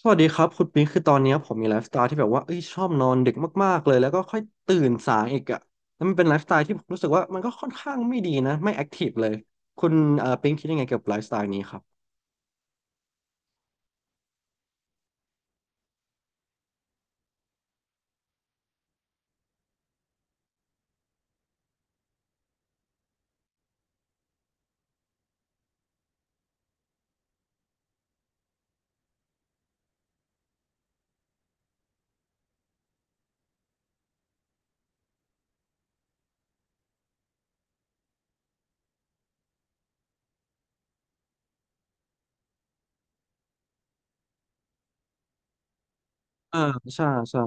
สวัสดีครับคุณปิงคือตอนเนี้ยผมมีไลฟ์สไตล์ที่แบบว่าเอ้ยชอบนอนดึกมากๆเลยแล้วก็ค่อยตื่นสายอีกอ่ะแล้วมันเป็นไลฟ์สไตล์ที่ผมรู้สึกว่ามันก็ค่อนข้างไม่ดีนะไม่แอคทีฟเลยคุณปิงคิดยังไงเกี่ยวกับไลฟ์สไตล์นี้ครับอ่าใช่ใช่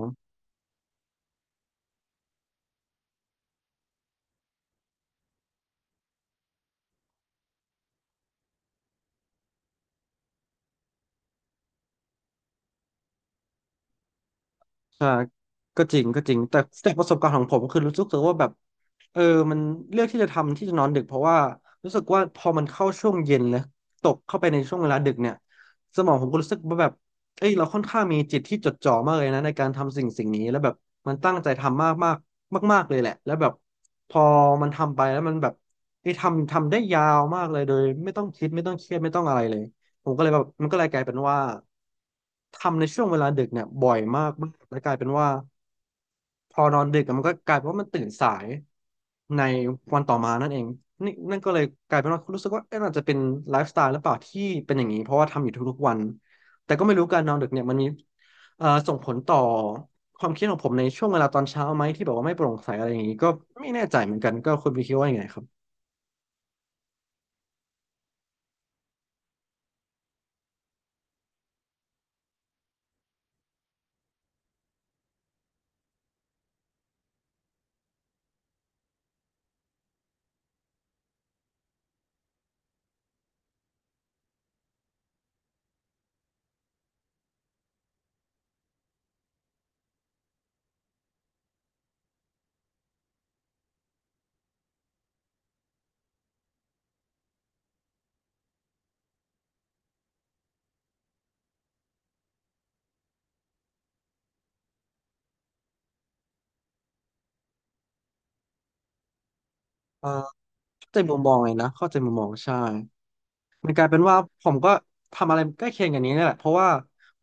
อ่าก็จริงก็จริงแต่จากประสบการณ์ของผมก็คือรู้สึกว่าแบบเออมันเลือกที่จะทำที่จะนอนดึกเพราะว่ารู้สึกว่าพอมันเข้าช่วงเย็นแล้วตกเข้าไปในช่วงเวลาดึกเนี่ยสมองผมก็รู้สึกว่าแบบเอ้ยเราค่อนข้างมีจิตที่จดจ่อมากเลยนะในการทำสิ่งสิ่งนี้แล้วแบบมันตั้งใจทำมากมากมากมากๆเลยแหละแล้วแบบพอมันทำไปแล้วมันแบบไอ้ยทำได้ยาวมากเลยโดยไม่ต้องคิดไม่ต้องเครียดไม่ต้องอะไรเลย ผมก็เลยแบบมันก็เลยกลายเป็นว่าทำในช่วงเวลาดึกเนี่ยบ่อยมากมากแล้วกลายเป็นว่าพอนอนดึกอะมันก็กลายเป็นว่ามันตื่นสายในวันต่อมานั่นเองนี่นั่นก็เลยกลายเป็นว่ารู้สึกว่าเอ๊ะอาจจะเป็นไลฟ์สไตล์หรือเปล่าที่เป็นอย่างนี้เพราะว่าทำอยู่ทุกๆวันแต่ก็ไม่รู้การนอนดึกเนี่ยมันมีส่งผลต่อความคิดของผมในช่วงเวลาตอนเช้าไหมที่บอกว่าไม่โปร่งใสอะไรอย่างนี้ก็ไม่แน่ใจเหมือนกันก็คุณพี่คิดว่ายังไงครับเอ่อเข้าใจมุมมองเลยนะเข้าใจมุมมองใช่ มันกลายเป็นว่าผมก็ทำอะไรใกล้เคียงอย่างนี้เนี่ยแหละเพราะว่า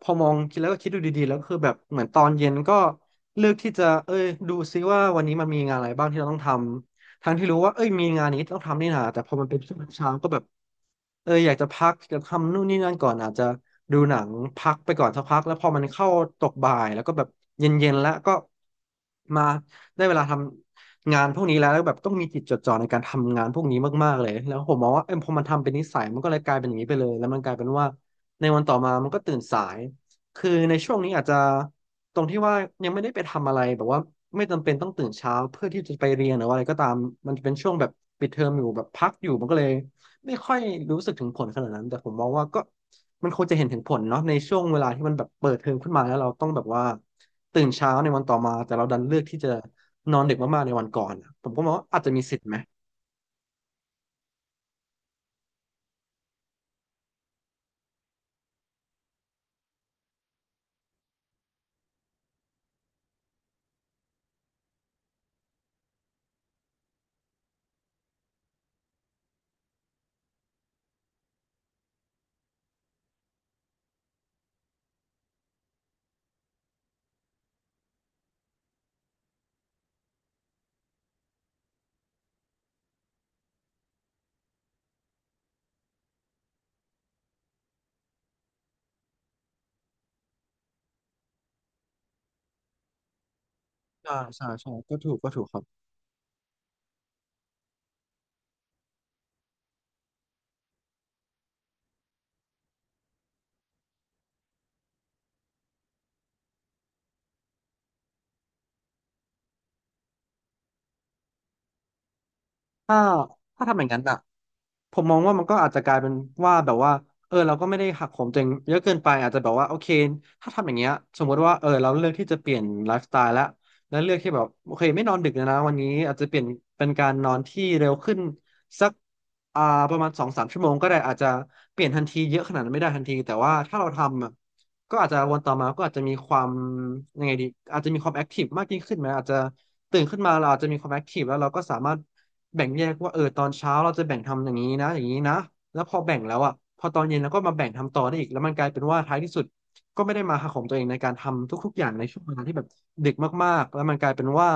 พอมองคิดแล้วก็คิดดูดีๆแล้วก็คือแบบเหมือนตอนเย็นก็เลือกที่จะเอ้ยดูซิว่าวันนี้มันมีงานอะไรบ้างที่เราต้องทำทั้งที่รู้ว่าเอ้ยมีงานนี้ต้องทำนี่นาแต่พอมันเป็นช่วงเช้าก็แบบเอออยากจะพักจะทำนู่นนี่นั่นก่อนอาจจะดูหนังพักไปก่อนสักพักแล้วพอมันเข้าตกบ่ายแล้วก็แบบเย็นๆแล้วก็มาได้เวลาทำ งานพวกนี้แล้วแล้วแบบต้องมีจิตจดจ่อในการทำงานพวกนี้มากๆเลยแล้วผมมองว่าเอ็มพอมันทำเป็นนิสัยมันก็เลยกลายเป็นอย่างนี้ไปเลยแล้วมันกลายเป็นว่าในวันต่อมามันก็ตื่นสายคือในช่วงนี้อาจจะตรงที่ว่ายังไม่ได้ไปทำอะไรแบบว่าไม่จำเป็นต้องตื่นเช้าเพื่อที่จะไปเรียนหรือว่าอะไรก็ตามมันจะเป็นช่วงแบบปิดเทอมอยู่แบบพักอยู่มันก็เลย ไม่ค่อยรู้สึกถึงผลขนาดนั้นแต่ผมมองว่าก็มันควรจะเห็นถึงผลเนาะในช่วงเวลาที่มันแบบเปิดเทอมขึ้นมาแล้วเราต้องแบบว่าตื่นเช้าในวันต่อมาแต่เราดันเลือกที่จะนอนดึกมากๆในวันก่อนอะผมก็มองว่าอาจจะมีสิทธิ์ไหมใช่ใช่ใช่ก็ถูกก็ถูกครับ ถ้าถ้าทำอย่างนั้นอ่ะผมมองว่ามันก็อาจจะกลายเป็นว่าแบบว่าเออเราก็ไม่ได้หักโหมตัวเองเยอะเกินไปอาจจะแบบว่าโอเคถ้าทำอย่างเงี้ยสมมติว่าเออเราเลือกที่จะเปลี่ยนไลฟ์สไตล์แล้วแล้วเลือกที่แบบโอเคไม่นอนดึกแล้วนะวันนี้อาจจะเปลี่ยนเป็นการนอนที่เร็วขึ้นสักอ่าประมาณ2-3 ชั่วโมงก็ได้อาจจะเปลี่ยนทันทีเยอะขนาดนั้นไม่ได้ทันทีแต่ว่าถ้าเราทำอะก็อาจจะวันต่อมาก็อาจจะมีความยังไงดีอาจจะมีความแอคทีฟมากยิ่งขึ้นไหมอาจจะตื่นขึ้นมาเราอาจจะมีความแอคทีฟแล้วเราก็สามารถ แบ่งแยกว่าตอนเช้าเราจะแบ่งทำอย่างนี้นะอย่างนี้นะแล้วพอแบ่งแล้วอ่ะพอตอนเย็นเราก็มาแบ่งทำต่อได้อีกแล้วมันกลายเป็นว่าท้ายที่สุดก็ไม่ได้มาหาของตัวเองในการทำทุกๆอย่างในช่วงเวลาที่แบบเด็กมากๆแล้วมันกลายเป็นว่า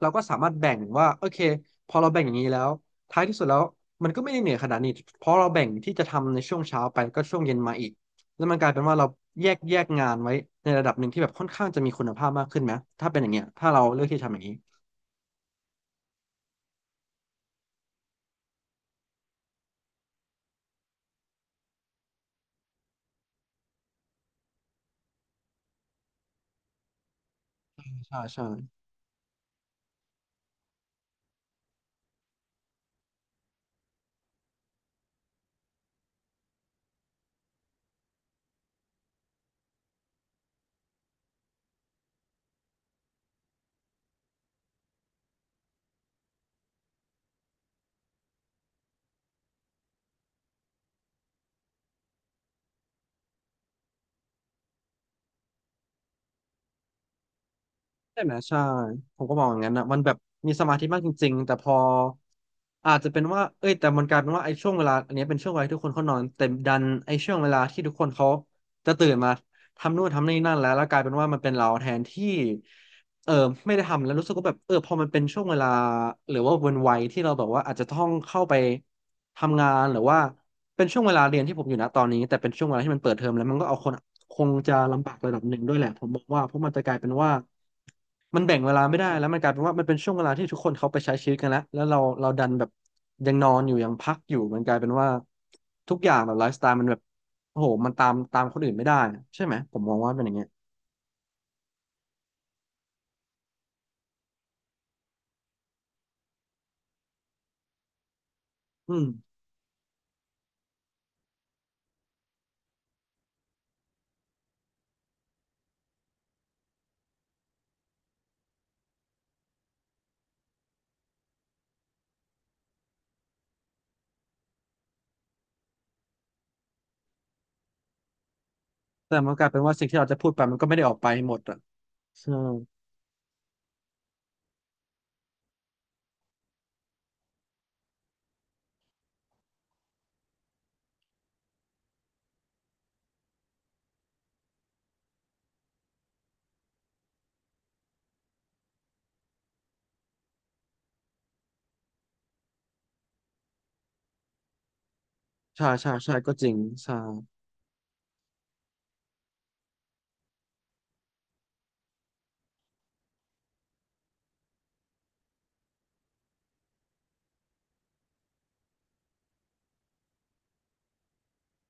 เราก็สามารถแบ่งว่าโอเคพอเราแบ่งอย่างนี้แล้วท้ายที่สุดแล้วมันก็ไม่ได้เหนื่อยขนาดนี้เพราะเราแบ่งที่จะทำในช่วงเช้าไปก็ช่วงเย็นมาอีกแล้วมันกลายเป็นว่าเราแยกงานไว้ในระดับหนึ่งที่แบบค่อนข้างจะมีคุณภาพมากขึ้นไหมถ้าเป็นอย่างเงี้ยถ้าเราเลือกที่จะทำอย่างนี้ใช่ใช่ ใช่ไหมใช่ผมก็มองอย่างนั้นนะมันแบบมีสมาธิมากจริงๆแต่พออาจจะเป็นว่าเอ้ยแต่มันกลายเป็นว่าไอ้ช่วงเวลาอันเนี้ยเป็นช่วงเวลาที่ทุกคนเขานอนแต่ดันไอ้ช่วงเวลาที่ทุกคนเขาจะตื่นมาทำนู่นทำนี่นั่นแล้วแล้วกลายเป็นว่ามันเป็นเราแทนที่เออไม่ได้ทำแล้วรู้สึกว่าแบบพอมันเป็นช่วงเวลาหรือว่าวันวัยที่เราแบบว่าอาจจะต้องเข้าไปทำงานหรือว่า เป็นช่วงเวลาเรียนที่ผมอยู่นะตอนนี้แต่เป็นช่วงเวลาที่มันเปิดเทอมแล้วมันก็เอาคนคงจะลำบากระดับหนึ่งด้วยแหละผมบอกว่าเพราะมันจะกลายเป็นว่าแบ่งเวลาไม่ได้แล้วมันกลายเป็นว่ามันเป็นช่วงเวลาที่ทุกคนเขาไปใช้ชีวิตกันแล้วแล้วเราดันแบบยังนอนอยู่ยังพักอยู่มันกลายเป็นว่าทุกอย่างแบบไลฟ์สไตล์มันแบบโอ้โหมันตามคนอื่นไม่ได้อะใช่ไหมผมมองว่าเป็นอย่างเงี้ยอืมแต่มันกลายเป็นว่าสิ่งที่เราจะพูดไปมันก็ไม่ได้ออกไปหมดอ่ะใช่ใช่ใช่ใช่ก็จริงใช่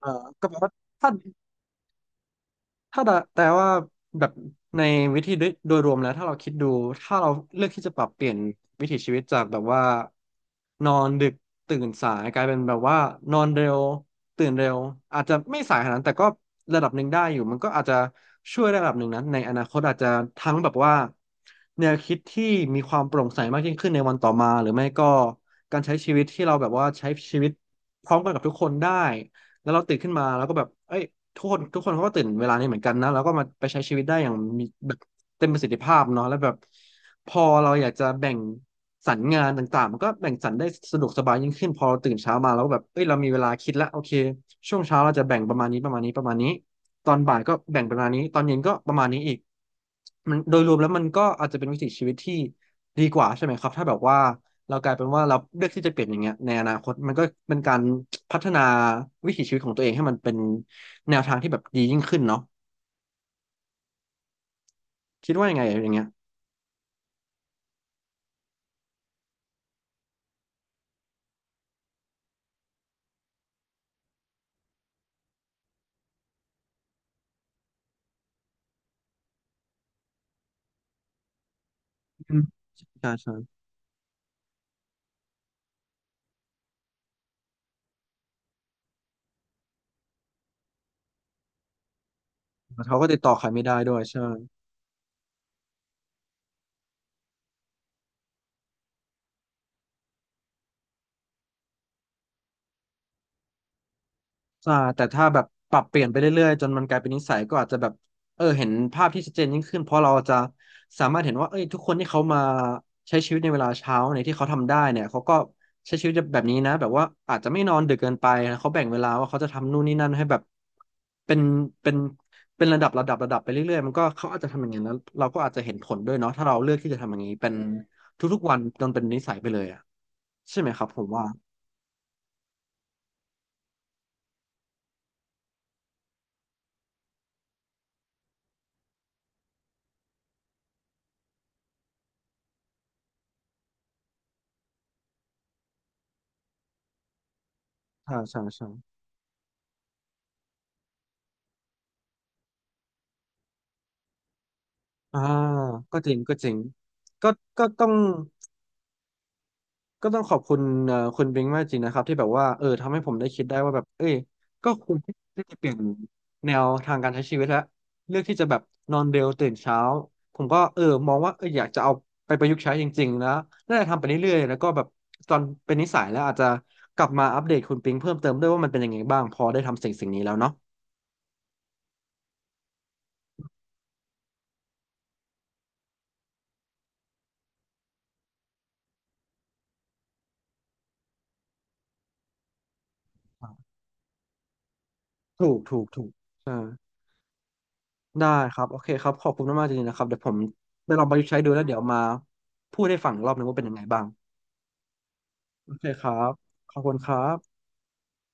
เออก็แปลว่าถ้า แต่ว่าแบบในวิธีโดยรวมแล้วถ้าเราคิดดูถ้าเราเลือกที่จะปรับเปลี่ยนวิถีชีวิตจากแบบว่านอนดึกตื่นสายกลายเป็นแบบว่านอนเร็วตื่นเร็วอาจจะไม่สายขนาดนั้นแต่ก็ระดับหนึ่งได้อยู่มันก็อาจจะช่วยระดับหนึ่งนะในอนาคตอาจจะทั้งแบบว่าแนวคิดที่มีความโปร่งใสมากยิ่งขึ้นในวันต่อมาหรือไม่ก็การใช้ชีวิตที่เราแบบว่าใช้ชีวิตพร้อมกันกับทุกคนได้แล้วเราตื่นขึ้นมาแล้วก็แบบเอ้ย ทุกคนเขาก็ตื่นเวลานี้เหมือนกันนะแล้วก็มาไปใช้ชีวิตได้อย่างมีแบบเต็มประสิทธิภาพเนาะแล้วแบบพอเราอยากจะแบ่งสรรงานต่างๆมันก็แบ่งสรรได้สะดวกสบายยิ่งขึ้นพอเราตื่นเช้ามาแล้วแบบเอ้ยเรามีเวลาคิดแล้วโอเคช่วงเช้าเราจะแบ่งประมาณนี้ประมาณนี้ประมาณนี้ตอนบ่ายก็แบ่งประมาณนี้ตอนเย็นก็ประมาณนี้อีกมันโดยรวมแล้วมันก็อาจจะเป็นวิถีชีวิตที่ดีกว่าใช่ไหมครับถ้าแบบว่า เรากลายเป็นว่าเราเลือกที่จะเปลี่ยนอย่างเงี้ยในอนาคตมันก็เป็นการพัฒนาวิถีชีวิตของตัวเองให้มันเป็นแนวทางที่แบบดียิ่งขึ้นเนาะคิดว่ายังไงอย่างเงี้ยอืมใช่ใช่เขาก็ติดต่อใครไม่ได้ด้วยใช่ ใช่แต่ถ้าแบบปรับเปลี่ยนไปเรื่อยๆจนมันกลายเป็นนิสัยก็อาจจะแบบเห็นภาพที่ชัดเจนยิ่งขึ้นเพราะเราจะสามารถเห็นว่าเอ้ยทุกคนที่เขามาใช้ชีวิตในเวลาเช้าในยที่เขาทำได้เนี่ยเขาก็ใช้ชีวิตแบบนี้นะแบบว่าอาจจะไม่นอนดึกเกินไปนะเขาแบ่งเวลาว่าเขาจะทำนู่นนี่นั่นให้แบบเป็นเป็นเป็นระดับไปเรื่อยๆมันก็เขาอาจจะทำอย่างนั้นแล้วเราก็อาจจะเห็นผลด้วยเนาะถ้าเราเลือกที่จะทำอย่างนี้เป็นทุกๆวันจนเป็นนิสัยไปเลยอ่ะใช่ไหมครับผมว่าใช่ใช่ใช่ อ่าก็จริงก็จริงก็ก็ต้องก็ต้องขอบคุณคุณบิงมากจริงนะครับที่แบบว่าทำให้ผมได้คิดได้ว่าแบบเอ้ยก็ควรที่จะเปลี่ยนแนวทางการใช้ชีวิตแล้วเลือกที่จะแบบนอนเร็วตื่นเช้าผมก็มองว่าอยากจะเอาไปประยุกต์ใช้จริงๆนะน่าจะทำไปเรื่อยๆแล้วก็แบบตอนเป็นนิสัยแล้วอาจจะกลับมาอัปเดตคุณปิงเพิ่มเติมด้วยว่ามันเป็นยังไงบ้างพอได้ทำสิ่งสิ่งนี้แล้วเนาะถูกถูกถูกใช่ ได้ครับโอเคครับขอบคุณมากๆจริงๆนะครับเดี๋ยวผมไปลองประยุกต์ใช้ดูแล้วเดี๋ยวมาพูดให้ฟังอีกรอบหนึงว่าเป็นยังไงบ้างโอเคครับขอบคุณครับ